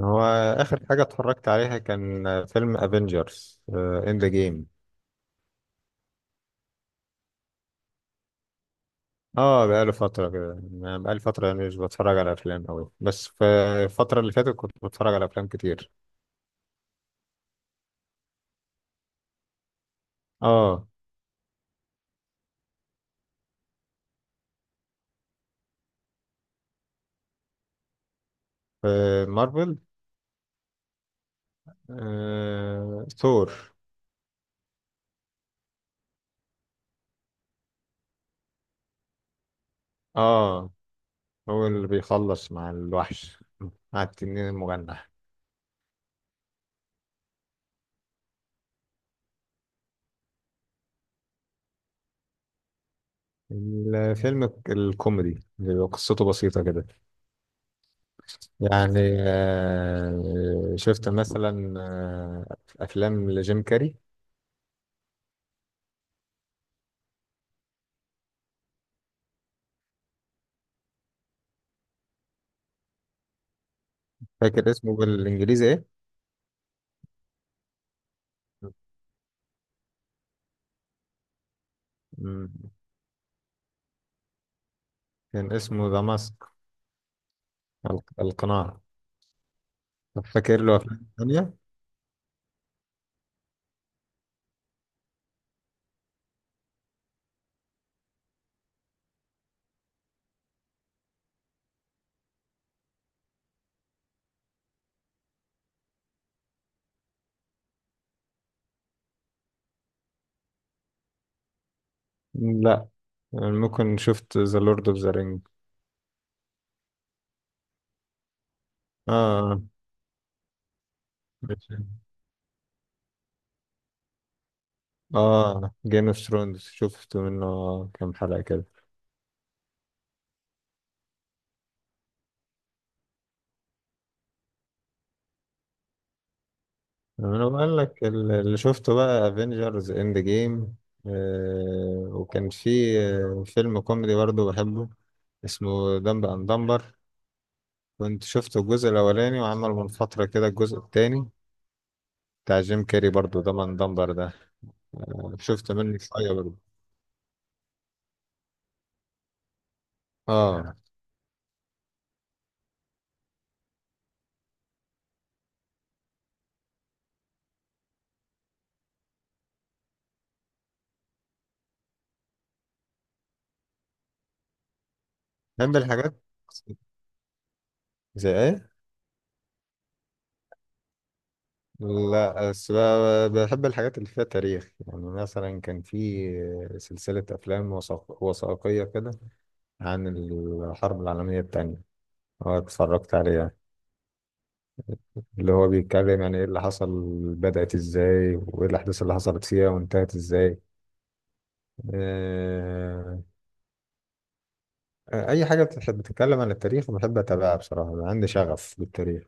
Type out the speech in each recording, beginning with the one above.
هو آخر حاجة اتفرجت عليها كان فيلم افنجرز اند ذا جيم. اه بقاله فترة كده، يعني بقالي فترة يعني مش بتفرج على أفلام أوي، بس في الفترة اللي فاتت كنت بتفرج على أفلام كتير. اه، في مارفل. ثور. اه، هو اللي بيخلص مع الوحش، مع التنين المجنح. الفيلم الكوميدي اللي قصته بسيطة كده، يعني شفت مثلا أفلام لجيم كاري. فاكر اسمه بالانجليزي ايه؟ مم. كان اسمه ذا ماسك، القناع. طب فاكر له افلام تانية؟ لا، يعني ممكن شفت ذا لورد اوف ذا رينج. اه، ماشي. اه، جيم اوف ثرونز شفت منه كام حلقة كده. انا بقول لك اللي شفته بقى افنجرز اند جيم. وكان في فيلم كوميدي برضه بحبه، اسمه دمب اند دمبر. كنت شفته الجزء الاولاني، وعمل من فترة كده الجزء التاني بتاع جيم كاري برضو، ده من دمبر ده. شفت منه شوية برضو. اه، بحب الحاجات. زي ايه؟ لا، بس بحب الحاجات اللي فيها تاريخ. يعني مثلا كان في سلسلة أفلام وثائقية كده عن الحرب العالمية التانية، اه، اتفرجت عليها. اللي هو بيتكلم يعني ايه اللي حصل، بدأت ازاي، وايه الأحداث اللي حصلت فيها، وانتهت ازاي. آه، أي حاجة بتتكلم عن التاريخ بحب أتابعها. بصراحة عندي شغف بالتاريخ.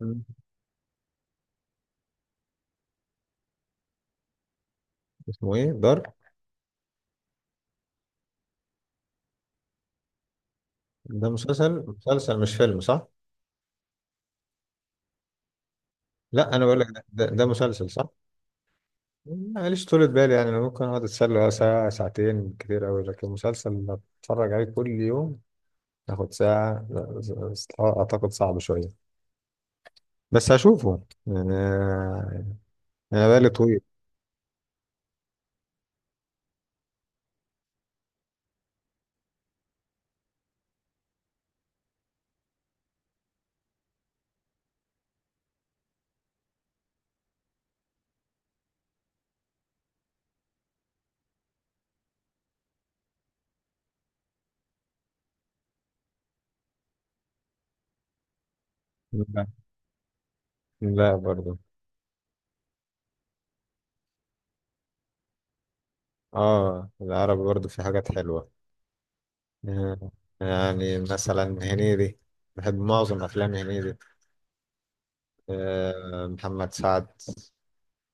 مم. اسمه ايه، دارك؟ ده مسلسل مش فيلم، صح؟ لا انا بقول لك ده مسلسل، صح. ماليش طولة بالي يعني، انا ممكن اقعد اتسلى ساعة ساعتين كتير قوي، لكن مسلسل اتفرج عليه كل يوم تاخد ساعة، لا، اعتقد صعب شوية. بس هشوفه يعني. انا بالي طويل. لا، لا، برضه. اه، العربي برضه في حاجات حلوة. آه، يعني مثلا هنيدي، بحب معظم افلام هنيدي. محمد سعد،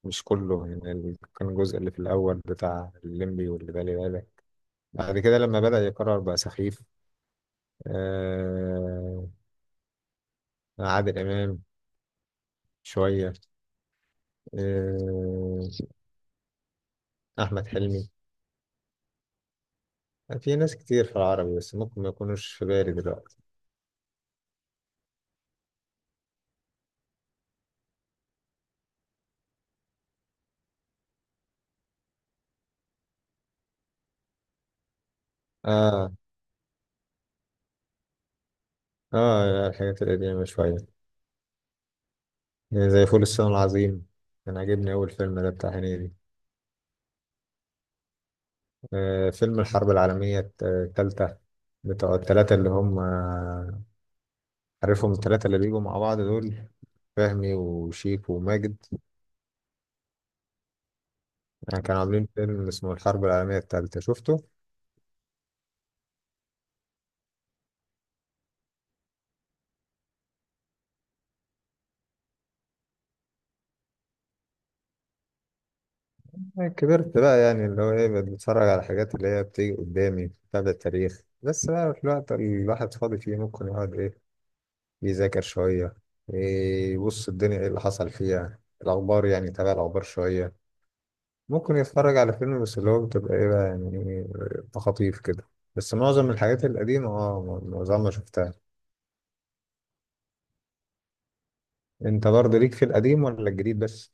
مش كله يعني، كان الجزء اللي في الأول بتاع الليمبي واللي بالي بالك، بعد كده لما بدأ يكرر بقى سخيف. آه عادل إمام شوية. آه أحمد حلمي. في ناس كتير في العربي بس ممكن ما يكونوش في بالي دلوقتي. آه الحاجات القديمة شوية، يعني زي فول الصين العظيم، كان عاجبني أول فيلم ده بتاع هنيدي. فيلم الحرب العالمية التالتة، بتوع التلاتة اللي هم، عارفهم التلاتة اللي بيجوا مع بعض دول، فهمي وشيك وماجد. يعني كانوا عاملين فيلم اسمه الحرب العالمية التالتة، شفته؟ أنا كبرت بقى، يعني اللي هو إيه، بقيت بتفرج على حاجات اللي هي بتيجي قدامي بتاع التاريخ بس بقى. في الوقت اللي الواحد فاضي فيه ممكن يقعد إيه، يذاكر شوية، إيه، يبص الدنيا إيه اللي حصل فيها، الأخبار يعني، تابع الأخبار شوية، ممكن يتفرج على فيلم، بس اللي هو بتبقى إيه بقى يعني، تخاطيف كده. بس معظم الحاجات القديمة معظمها شفتها. أنت برضه ليك في القديم ولا الجديد بس؟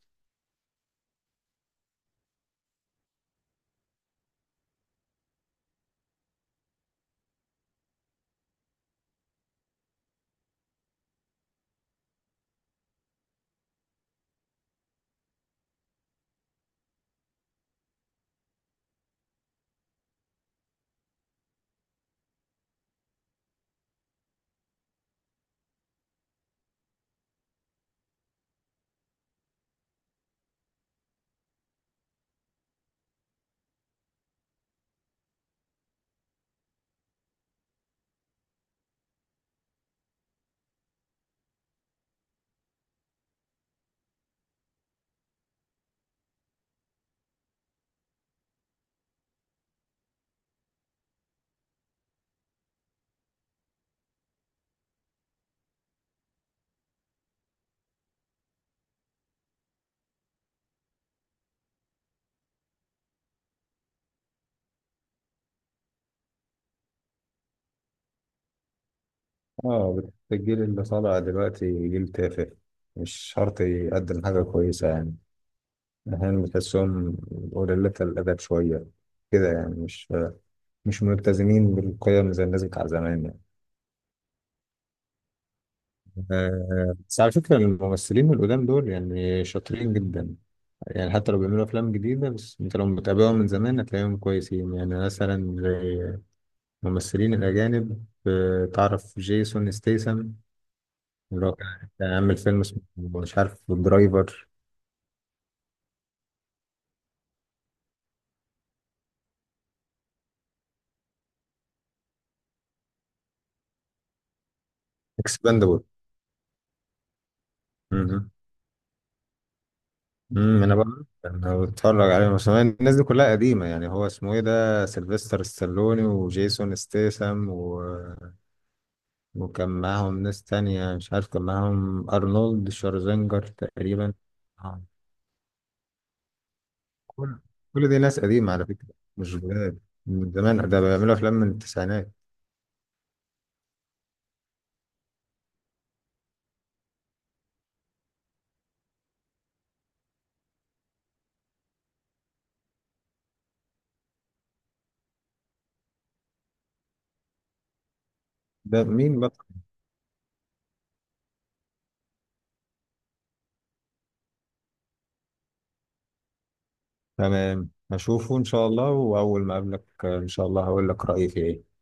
اه، الجيل اللي طالع دلوقتي جيل تافه، مش شرط يقدم حاجة كويسة يعني. أحيانا بتحسهم قليلة الأدب شوية كده يعني، مش ملتزمين بالقيم زي الناس بتاع زمان يعني. بس على فكرة الممثلين القدام دول يعني شاطرين جدا، يعني حتى لو بيعملوا أفلام جديدة بس أنت لو متابعهم من زمان هتلاقيهم كويسين. يعني مثلا زي الممثلين الأجانب، تعرف جيسون ستيسم؟ اللي هو كان عامل فيلم اسمه مش عارف درايفر، اكسباندبل. امم انا بقى انا بتفرج عليه. بس أنا الناس دي كلها قديمه، يعني هو اسمه ايه، ده سيلفستر ستالوني وجيسون ستيسم و... وكان معاهم ناس تانية، مش عارف، كان معاهم ارنولد شوارزنجر تقريبا. آه. كل كل دي ناس قديمه على فكره، مش جداد. من زمان ده، بيعملوا افلام من التسعينات. ده مين بقى؟ تمام، هشوفه ان شاء الله، واول ما اقابلك ان شاء الله هقول لك رايي فيه ايه.